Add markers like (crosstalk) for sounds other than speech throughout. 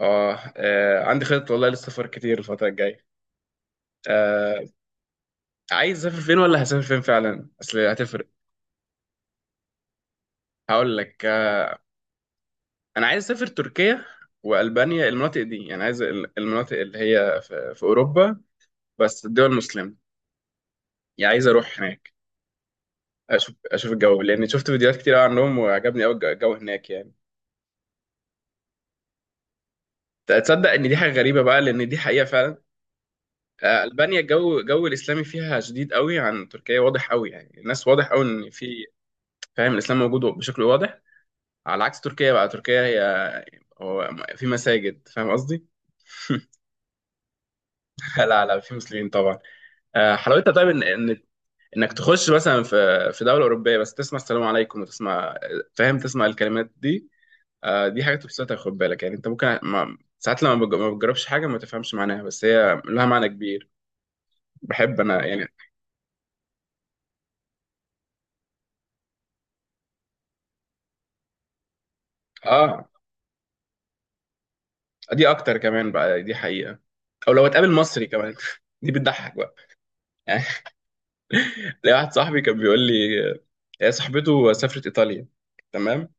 آه، آه، عندي خطط والله للسفر كتير الفترة الجاية. آه، عايز أسافر فين ولا هسافر فين فعلا؟ أصل هتفرق. هقول لك. آه، أنا عايز أسافر تركيا وألبانيا، المناطق دي، يعني عايز المناطق اللي هي في أوروبا، بس الدول المسلمة، يعني عايز أروح هناك أشوف أشوف الجو، لأن شفت فيديوهات كتير أوي عنهم وعجبني أوي الجو هناك يعني. تصدق إن دي حاجة غريبة بقى، لأن دي حقيقة فعلا. آه، ألبانيا الجو الجو الإسلامي فيها شديد أوي عن تركيا، واضح أوي، يعني الناس واضح أوي إن في. فاهم؟ الإسلام موجود بشكل واضح، على عكس تركيا. بقى تركيا هي، هو، في مساجد، فاهم قصدي؟ (laughs) لا لا، في مسلمين طبعا. آه، حلاوتها طيب ان انك تخش مثلا في، في دوله اوروبيه، بس تسمع السلام عليكم وتسمع، فاهم، تسمع الكلمات دي. آه، دي حاجه تبسطك. خد بالك يعني، انت ممكن ما ساعات لما ما بتجربش حاجه ما تفهمش معناها، بس هي لها معنى كبير. بحب انا يعني. اه، دي اكتر كمان بقى، دي حقيقه. او لو هتقابل مصري كمان (laughs) دي بتضحك بقى. ليا واحد صاحبي كان بيقول لي، هي صاحبته سافرت ايطاليا، تمام،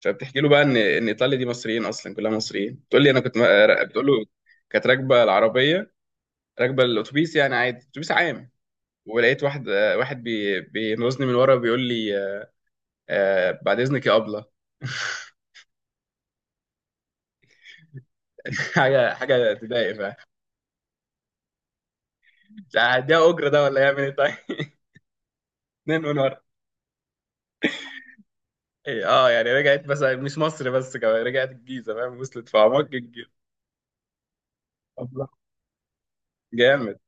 فبتحكي له بقى ان ايطاليا دي مصريين، اصلا كلها مصريين. بتقول لي انا كنت بتقول له، كانت راكبه العربيه، راكبه الاتوبيس يعني، عادي اتوبيس عام. ولقيت واحد، آه، واحد بينوزني من ورا بيقول لي، آه، بعد اذنك يا ابله. (laughs) حاجه تضايق، فاهم؟ مش هديها اجره؟ ده ولا يعمل ايه طيب؟ (laughs) اتنين من ورا. إيه، اه، يعني رجعت، بس مش مصر بس، كمان رجعت الجيزه، فاهم؟ وصلت في اعماق الجيزه. أبلة. جامد.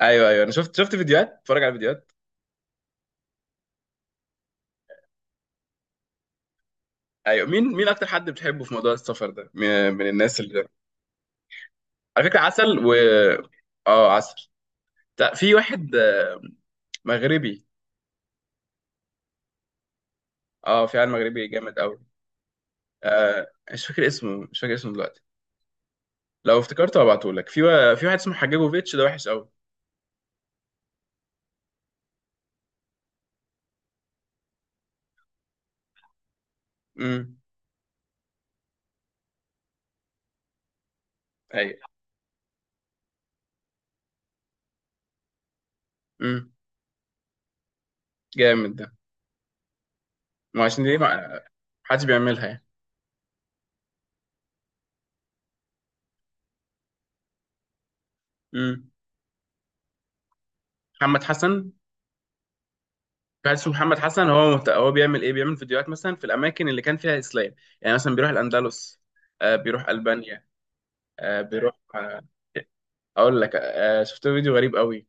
ايوه ايوه، انا شفت شفت فيديوهات، اتفرج على فيديوهات. ايوه، مين مين اكتر حد بتحبه في موضوع السفر ده، من الناس اللي، على فكره عسل و، اه عسل. لا، في واحد، آه، مغربي. اه فعلا مغربي جامد قوي. آه، مش فاكر اسمه، مش فاكر اسمه دلوقتي. لو افتكرته هبعته لك. في في واحد اسمه حجاجوفيتش، ده وحش قوي. امم. ايوه. امم. جامد ده. ما عشان دي، ما حدش بيعملها يعني. امم. محمد حسن. كارلوس محمد حسن، هو مهت، هو بيعمل ايه؟ بيعمل فيديوهات مثلا في الاماكن اللي كان فيها اسلام. يعني مثلا بيروح الاندلس، آه بيروح البانيا، آه بيروح. آه، اقول لك، آه، شفت فيديو غريب قوي.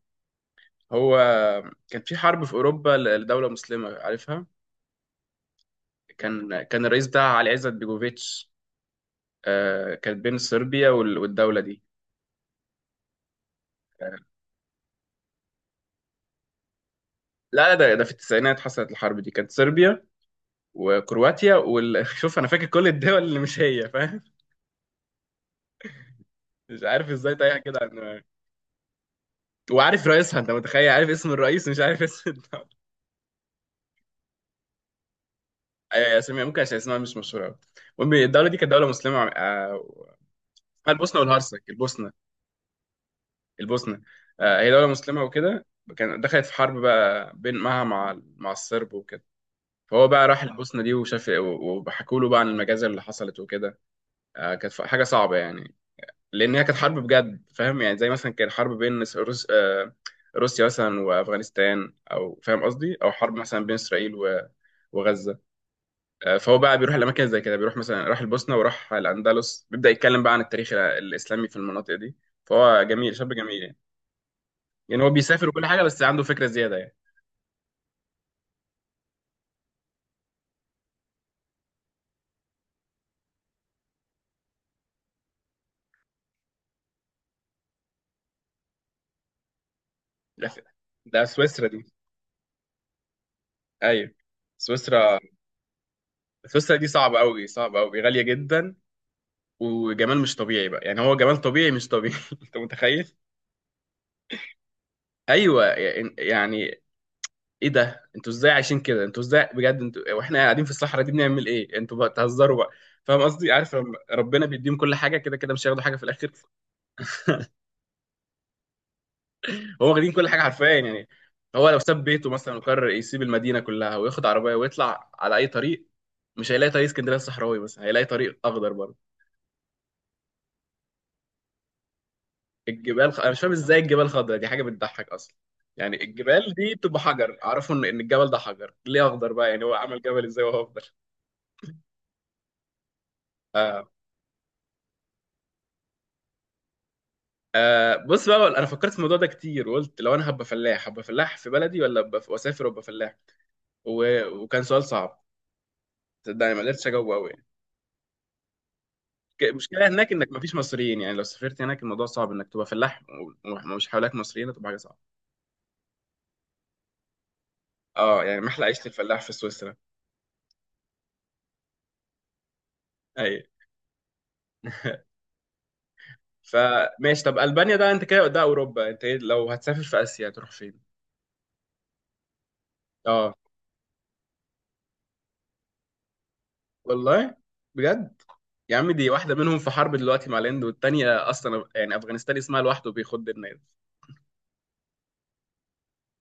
هو كان في حرب في اوروبا لدوله مسلمه، عارفها؟ كان الرئيس بتاعها علي عزت بيجوفيتش. آه، كانت بين صربيا وال، والدوله دي. آه، لا، ده ده في التسعينات حصلت الحرب دي، كانت صربيا وكرواتيا وال (laughs) شوف انا فاكر كل الدول اللي مش هي، فاهم؟ مش عارف ازاي تايهه كده. وعارف رئيسها، انت متخيل؟ عارف اسم الرئيس ومش عارف اسم الدولة. آه، اسمها ممكن عشان اسمها مش مشهورة قوي. المهم الدولة دي كانت دولة مسلمة، آه، اسمها البوسنة والهرسك. البوسنة. البوسنة، آه، هي دولة مسلمة وكده. كان دخلت في حرب بقى، بين معها مع الصرب وكده. فهو بقى راح البوسنة دي وشاف، وحكوا له بقى عن المجازر اللي حصلت وكده. آه، كانت حاجة صعبة يعني، لأن هي كانت حرب بجد، فاهم؟ يعني زي مثلا كانت حرب بين روس، آه، روسيا مثلا وأفغانستان، أو فاهم قصدي، أو حرب مثلا بين إسرائيل و، وغزة. آه، فهو بقى بيروح الاماكن زي كده، بيروح مثلا راح البوسنه وراح الاندلس، بيبدا يتكلم بقى عن التاريخ الاسلامي في المناطق دي. فهو جميل، شاب جميل يعني. يعني هو بيسافر وكل حاجه، بس عنده فكره زياده يعني. ده ده سويسرا دي. ايوه، سويسرا. سويسرا دي صعبه قوي، صعبه قوي، غاليه جدا، وجمال مش طبيعي بقى، يعني هو جمال طبيعي مش طبيعي (laughs) انت متخيل؟ ايوه، يعني، ايه ده انتوا ازاي عايشين كده؟ انتوا ازاي بجد؟ انتوا، واحنا قاعدين في الصحراء دي بنعمل ايه، انتوا بقى تهزروا بقى. فاهم قصدي؟ عارف لما ربنا بيديهم كل حاجه، كده كده مش هياخدوا حاجه في الاخر. (laughs) هو واخدين كل حاجه حرفيا يعني. هو لو ساب بيته مثلا وقرر يسيب المدينه كلها وياخد عربيه ويطلع على اي طريق، مش هيلاقي طريق اسكندريه الصحراوي، بس هيلاقي طريق اخضر برضه. الجبال خ، انا مش فاهم ازاي الجبال خضراء، دي حاجه بتضحك اصلا. يعني الجبال دي بتبقى حجر، اعرفه إن الجبل ده حجر، ليه اخضر بقى؟ يعني هو عمل جبل ازاي وهو اخضر؟ آه. آه، بص بقى، انا فكرت في الموضوع ده كتير، وقلت لو انا هبقى فلاح، هبقى فلاح في بلدي ولا ابقى واسافر وابقى فلاح؟ و، وكان سؤال صعب، صدقني ما قدرتش اجاوبه قوي يعني. المشكله هناك انك ما فيش مصريين، يعني لو سافرت هناك الموضوع صعب انك تبقى فلاح، ومش حواليك مصريين، هتبقى حاجه صعبه. اه يعني محلى عيشه الفلاح في سويسرا. اي (laughs) فماشي، طب البانيا ده انت كده، ده اوروبا، انت ايه لو هتسافر في اسيا تروح فين؟ اه. والله، بجد؟ يا عم، دي واحده منهم في حرب دلوقتي مع الهند، والتانيه اصلا يعني افغانستان اسمها لوحده بيخد الناس.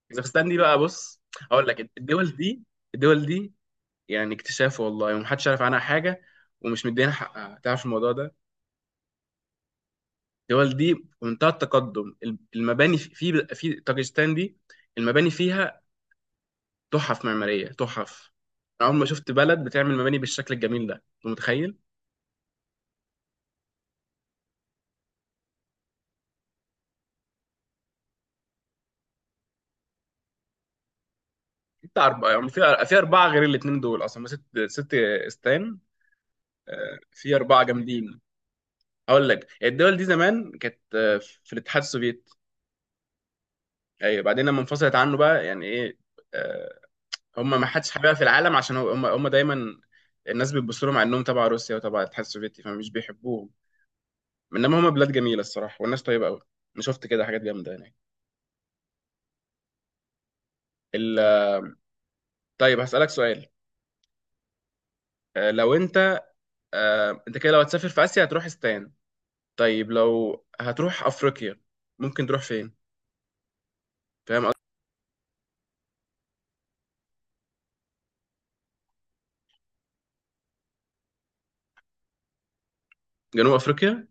كازاخستان دي بقى، بص، هقول لك، الدول دي، الدول دي. يعني اكتشاف والله، ومحدش عارف عنها حاجه، ومش مدينا حقها تعرف الموضوع ده. الدول دي في منتهى التقدم، المباني في في طاجستان دي، المباني فيها تحف معماريه، تحف. انا عمري ما شفت بلد بتعمل مباني بالشكل الجميل ده، انت متخيل؟ انت اربعه، يعني في اربعه غير الاثنين دول، اصلا هما ست، ست استان. آه، في اربعه جامدين. هقول لك، الدول دي زمان كانت، آه، في الاتحاد السوفيتي. ايوه، بعدين لما انفصلت عنه بقى، يعني ايه، آه، هم ما حدش حاببها في العالم، عشان هم دايما الناس بتبص لهم على انهم تبع روسيا وتبع الاتحاد السوفيتي، فمش بيحبوهم. انما هم بلاد جميله الصراحه، والناس طيبه قوي. انا شفت كده حاجات جامده هناك. ال، طيب هسالك سؤال. آه لو انت، آه انت كده لو هتسافر في اسيا هتروح استان، طيب لو هتروح افريقيا، ممكن تروح فين؟ فاهم قصدي؟ جنوب افريقيا؟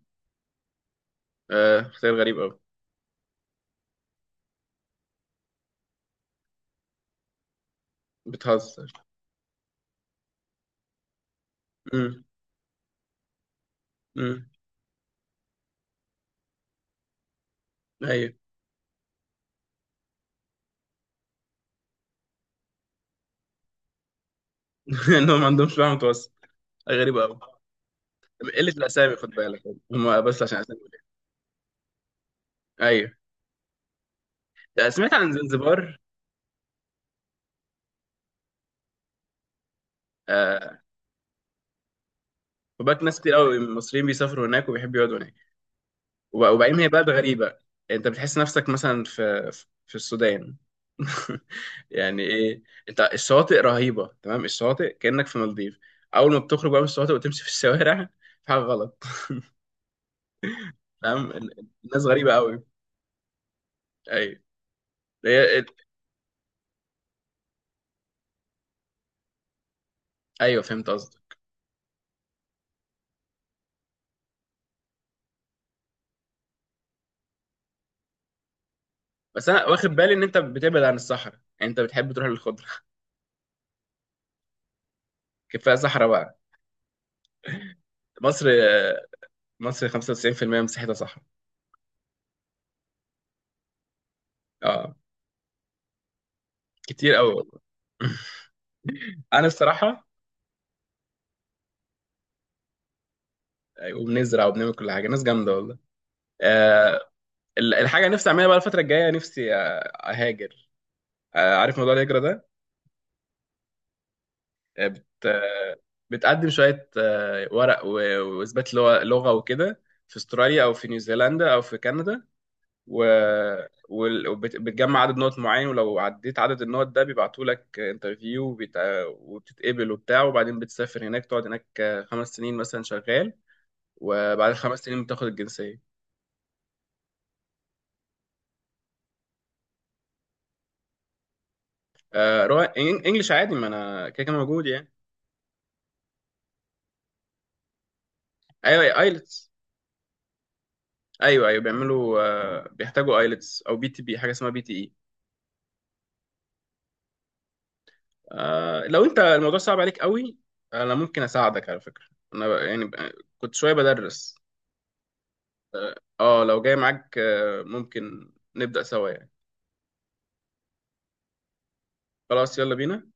آه، اختيار غريب قوي. بتهزر. امم. امم. ايوه. (laughs) انهم ما عندهمش بقى متوسط، غريبه قوي. قلة الأسامي خد بالك، هم بس عشان أسامي قليلة. أيوه. آه، سمعت عن زنزبار. آه، خد بالك، ناس كتير قوي من المصريين بيسافروا هناك وبيحبوا يقعدوا هناك، وبعدين هي بلد غريبة. أنت بتحس نفسك مثلا في في السودان. (laughs) يعني إيه؟ أنت الشواطئ رهيبة، تمام، الشواطئ كأنك في مالديف، أول ما بتخرج بقى من الشواطئ وتمشي في الشوارع، في حاجة غلط. تمام، الناس غريبة قوي. أيوه. هي ال. أيوه فهمت قصدك. بس أنا واخد بالي إن أنت بتبعد عن الصحراء، يعني أنت بتحب تروح للخضرة (laughs) كفاية صحراء بقى. مصر مصر 95% مساحتها صحراء. اه، كتير قوي والله. (laughs) انا الصراحه. وبنزرع وبنعمل كل حاجه، ناس جامده والله. آه. الحاجه اللي نفسي اعملها بقى الفتره الجايه، نفسي آه، اهاجر. آه، عارف موضوع الهجره ده؟ آه، بت، بتقدم شويه آه، ورق، واثبات لغه، لغة وكده، في استراليا او في نيوزيلندا او في كندا، و، بتجمع عدد نقط معين، ولو عديت عدد النقط ده بيبعتوا لك انترفيو، وبيت، وبتتقبل وبتاع، وبعدين بتسافر هناك تقعد هناك 5 سنين مثلا شغال، وبعد ال 5 سنين بتاخد الجنسية. آه، رو، إن، انجلش عادي، ما انا كده كده موجود يعني. ايوه، ايلتس. ايوه ايوه بيعملوا، آه بيحتاجوا ايلتس او بي تي، بي حاجة اسمها بي تي اي. آه، لو انت الموضوع صعب عليك قوي، انا ممكن اساعدك على فكرة، انا ب، يعني ب، كنت شوية بدرس. اه، لو جاي معاك آه، ممكن نبدأ سوا يعني. خلاص، يلا بينا.